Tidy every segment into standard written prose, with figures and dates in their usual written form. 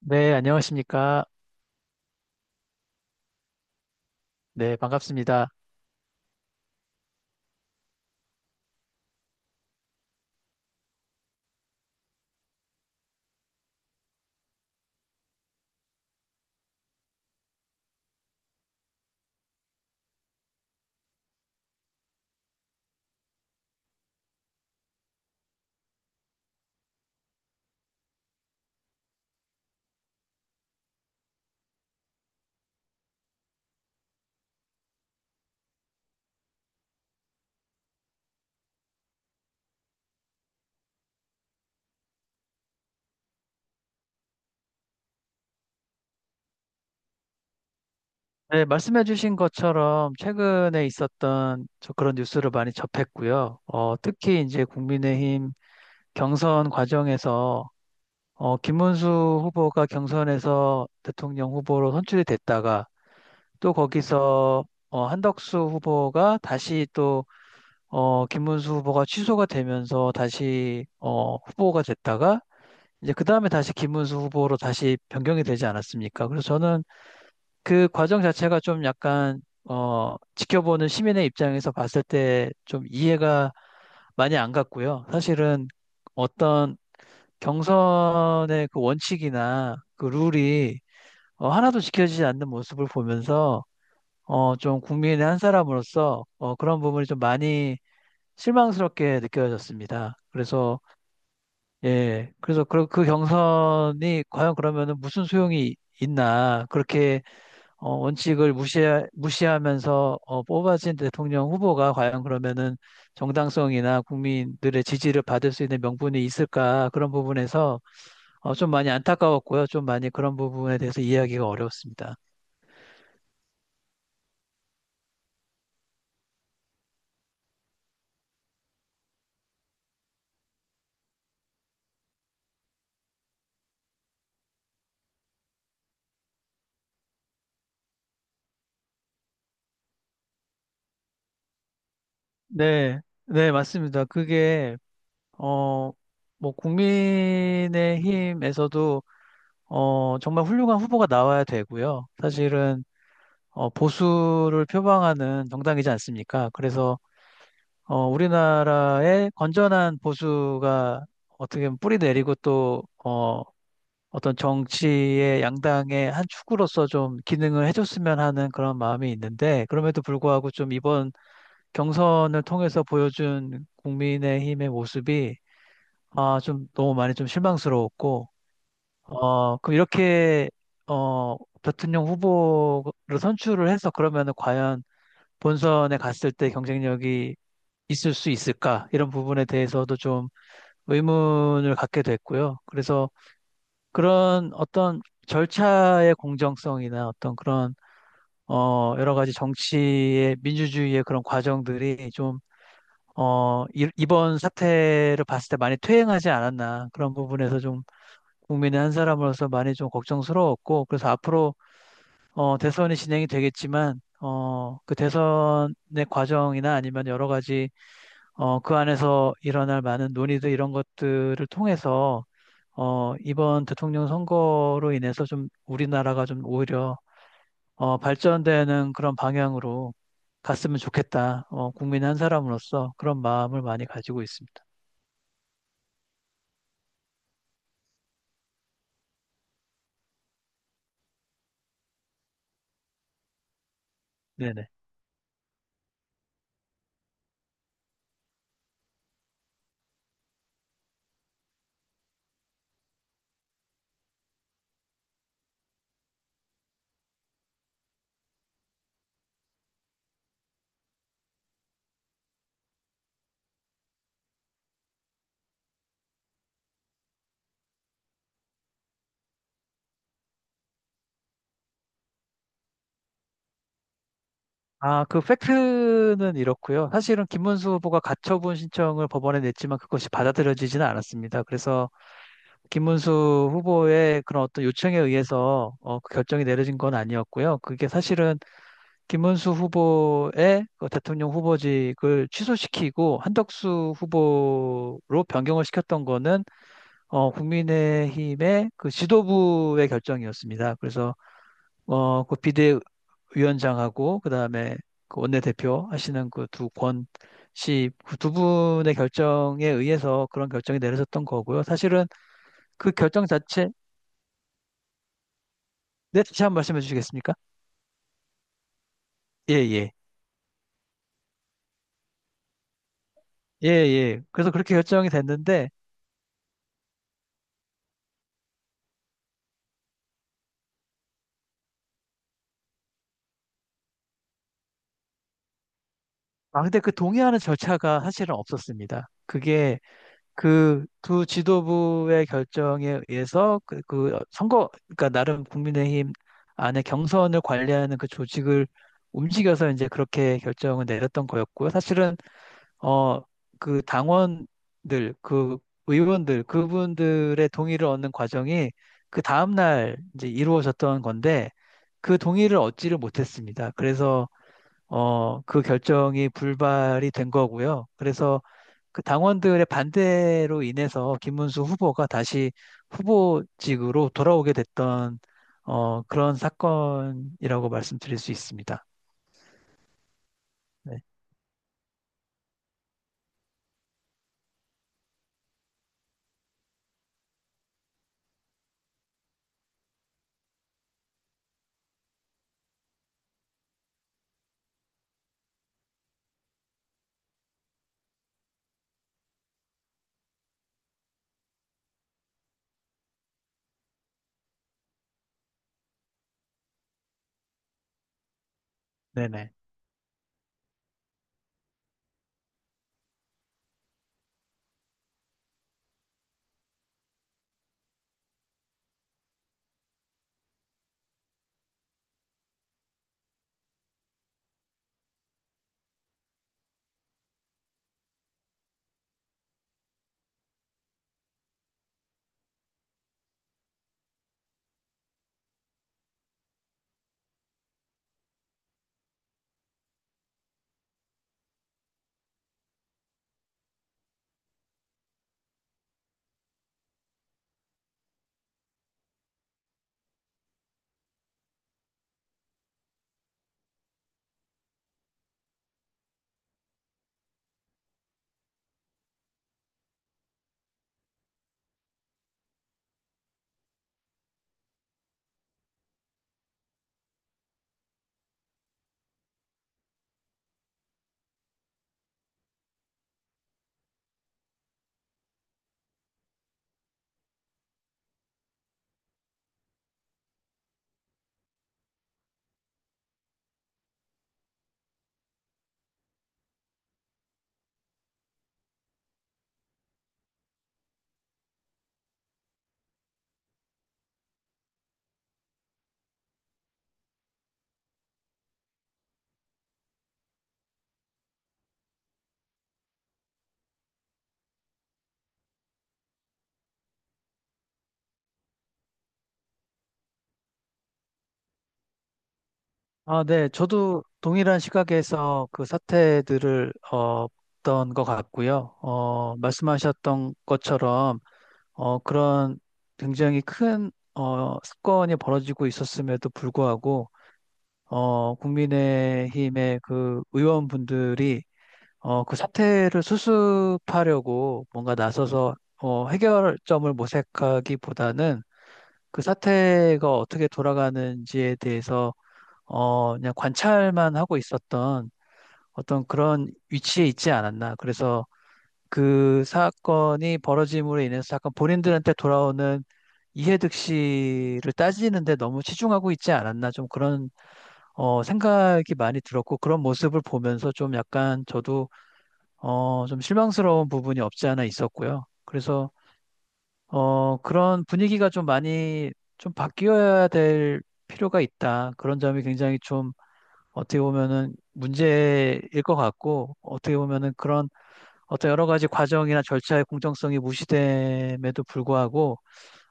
네, 안녕하십니까. 네, 반갑습니다. 네, 말씀해주신 것처럼 최근에 있었던 저 그런 뉴스를 많이 접했고요. 특히 이제 국민의힘 경선 과정에서 김문수 후보가 경선에서 대통령 후보로 선출이 됐다가 또 거기서 한덕수 후보가 다시 또 김문수 후보가 취소가 되면서 다시 후보가 됐다가 이제 그 다음에 다시 김문수 후보로 다시 변경이 되지 않았습니까? 그래서 저는 그 과정 자체가 좀 약간 지켜보는 시민의 입장에서 봤을 때 좀 이해가 많이 안 갔고요. 사실은 어떤 경선의 그 원칙이나 그 룰이 하나도 지켜지지 않는 모습을 보면서 좀 국민의 한 사람으로서 그런 부분이 좀 많이 실망스럽게 느껴졌습니다. 그래서 예, 그래서 그 경선이 과연 그러면은 무슨 소용이 있나 그렇게 원칙을 무시하면서 뽑아진 대통령 후보가 과연 그러면은 정당성이나 국민들의 지지를 받을 수 있는 명분이 있을까 그런 부분에서 좀 많이 안타까웠고요. 좀 많이 그런 부분에 대해서 이해하기가 어려웠습니다. 네, 네, 맞습니다. 그게 어, 뭐 국민의힘에서도 정말 훌륭한 후보가 나와야 되고요. 사실은 보수를 표방하는 정당이지 않습니까? 그래서 우리나라의 건전한 보수가 어떻게 보면 뿌리 내리고 또, 어떤 정치의 양당의 한 축으로서 좀 기능을 해줬으면 하는 그런 마음이 있는데, 그럼에도 불구하고 좀 이번 경선을 통해서 보여준 국민의힘의 모습이, 아, 좀 너무 많이 좀 실망스러웠고, 그럼 이렇게, 대통령 후보를 선출을 해서 그러면은 과연 본선에 갔을 때 경쟁력이 있을 수 있을까? 이런 부분에 대해서도 좀 의문을 갖게 됐고요. 그래서 그런 어떤 절차의 공정성이나 어떤 그런 여러 가지 정치의 민주주의의 그런 과정들이 좀 이- 번 사태를 봤을 때 많이 퇴행하지 않았나 그런 부분에서 좀 국민의 한 사람으로서 많이 좀 걱정스러웠고 그래서 앞으로 대선이 진행이 되겠지만 그 대선의 과정이나 아니면 여러 가지 그 안에서 일어날 많은 논의들 이런 것들을 통해서 이번 대통령 선거로 인해서 좀 우리나라가 좀 오히려 발전되는 그런 방향으로 갔으면 좋겠다. 국민 한 사람으로서 그런 마음을 많이 가지고 있습니다. 네네. 아, 그 팩트는 이렇고요. 사실은 김문수 후보가 가처분 신청을 법원에 냈지만 그것이 받아들여지지는 않았습니다. 그래서 김문수 후보의 그런 어떤 요청에 의해서 그 결정이 내려진 건 아니었고요. 그게 사실은 김문수 후보의 그 대통령 후보직을 취소시키고 한덕수 후보로 변경을 시켰던 거는 국민의힘의 그 지도부의 결정이었습니다. 그래서 그 비대위원장하고 그다음에 그 원내대표 하시는 그 두 권 씨, 그두 분의 결정에 의해서 그런 결정이 내려졌던 거고요. 사실은, 그 결정 자체, 네, 다시 한번 말씀해 주시겠습니까? 예, 예. 예, 예. 그래서 그렇게 결정이 됐는데 아, 근데 그 동의하는 절차가 사실은 없었습니다. 그게 그 두 지도부의 결정에 의해서 그 선거, 그러니까 나름 국민의힘 안에 경선을 관리하는 그 조직을 움직여서 이제 그렇게 결정을 내렸던 거였고요. 사실은, 어, 그 당원들, 그 의원들, 그분들의 동의를 얻는 과정이 그 다음날 이제 이루어졌던 건데 그 동의를 얻지를 못했습니다. 그래서 그 결정이 불발이 된 거고요. 그래서 그 당원들의 반대로 인해서 김문수 후보가 다시 후보직으로 돌아오게 됐던 그런 사건이라고 말씀드릴 수 있습니다. 네, 네네. 아, 네. 저도 동일한 시각에서 그 사태들을 봤던 것 같고요. 말씀하셨던 것처럼 그런 굉장히 큰 사건이 벌어지고 있었음에도 불구하고 국민의힘의 그 의원분들이 그 사태를 수습하려고 뭔가 나서서 해결점을 모색하기보다는 그 사태가 어떻게 돌아가는지에 대해서 그냥 관찰만 하고 있었던 어떤 그런 위치에 있지 않았나. 그래서 그 사건이 벌어짐으로 인해서 약간 본인들한테 돌아오는 이해득실을 따지는데 너무 치중하고 있지 않았나. 좀 그런 생각이 많이 들었고 그런 모습을 보면서 좀 약간 저도 좀 실망스러운 부분이 없지 않아 있었고요. 그래서 그런 분위기가 좀 많이 좀 바뀌어야 될 필요가 있다. 그런 점이 굉장히 좀 어떻게 보면은 문제일 것 같고 어떻게 보면은 그런 어떤 여러 가지 과정이나 절차의 공정성이 무시됨에도 불구하고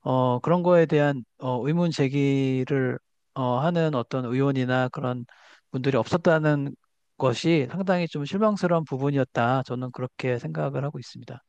그런 거에 대한 의문 제기를 하는 어떤 의원이나 그런 분들이 없었다는 것이 상당히 좀 실망스러운 부분이었다. 저는 그렇게 생각을 하고 있습니다.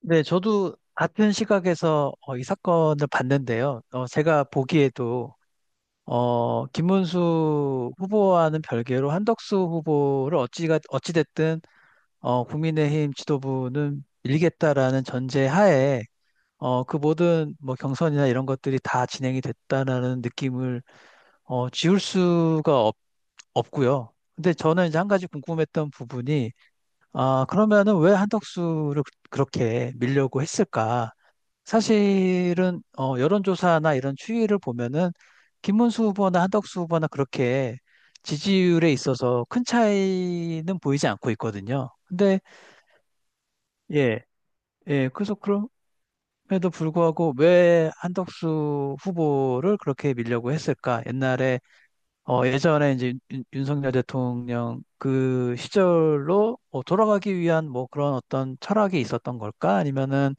네, 저도 같은 시각에서 이 사건을 봤는데요. 제가 보기에도 김문수 후보와는 별개로 한덕수 후보를 어찌가 어찌됐든 국민의힘 지도부는 밀겠다라는 전제 하에 그 모든 뭐 경선이나 이런 것들이 다 진행이 됐다라는 느낌을 지울 수가 없고요. 근데 저는 이제 한 가지 궁금했던 부분이 아, 그러면은 왜 한덕수를 그렇게 밀려고 했을까? 사실은 여론조사나 이런 추이를 보면은 김문수 후보나 한덕수 후보나 그렇게 지지율에 있어서 큰 차이는 보이지 않고 있거든요. 근데 예, 예, 그래서 그럼에도 불구하고 왜 한덕수 후보를 그렇게 밀려고 했을까? 예전에 이제 윤석열 대통령 그 시절로 돌아가기 위한 뭐 그런 어떤 철학이 있었던 걸까? 아니면은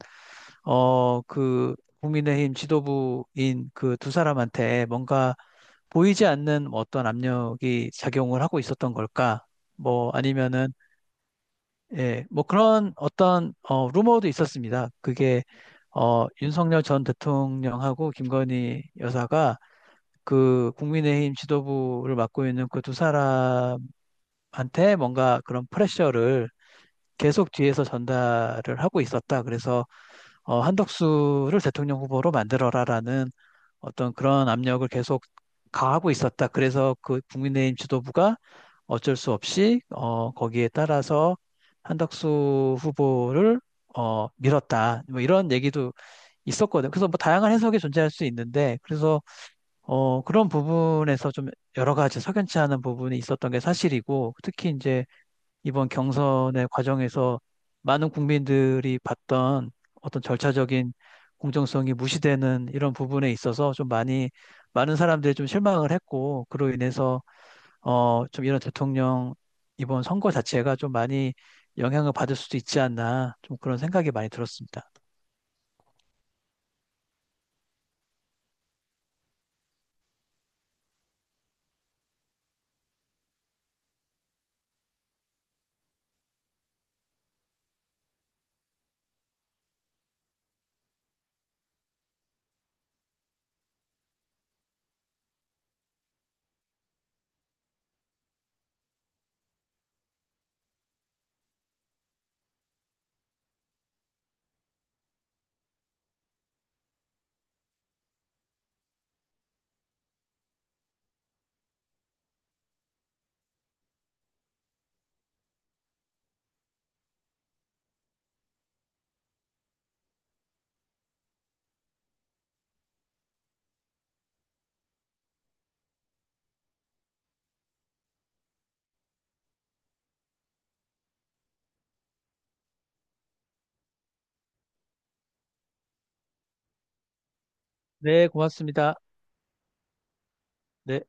그 국민의힘 지도부인 그 두 사람한테 뭔가 보이지 않는 뭐 어떤 압력이 작용을 하고 있었던 걸까? 뭐 아니면은 예, 뭐 그런 어떤 루머도 있었습니다. 그게 윤석열 전 대통령하고 김건희 여사가 그 국민의힘 지도부를 맡고 있는 그 두 사람한테 뭔가 그런 프레셔를 계속 뒤에서 전달을 하고 있었다. 그래서 한덕수를 대통령 후보로 만들어라라는 어떤 그런 압력을 계속 가하고 있었다. 그래서 그 국민의힘 지도부가 어쩔 수 없이 거기에 따라서 한덕수 후보를 밀었다. 뭐 이런 얘기도 있었거든요. 그래서 뭐 다양한 해석이 존재할 수 있는데 그래서 그런 부분에서 좀 여러 가지 석연치 않은 부분이 있었던 게 사실이고 특히 이제 이번 경선의 과정에서 많은 국민들이 봤던 어떤 절차적인 공정성이 무시되는 이런 부분에 있어서 좀 많이 많은 사람들이 좀 실망을 했고 그로 인해서 좀 이런 대통령 이번 선거 자체가 좀 많이 영향을 받을 수도 있지 않나 좀 그런 생각이 많이 들었습니다. 네, 고맙습니다. 네.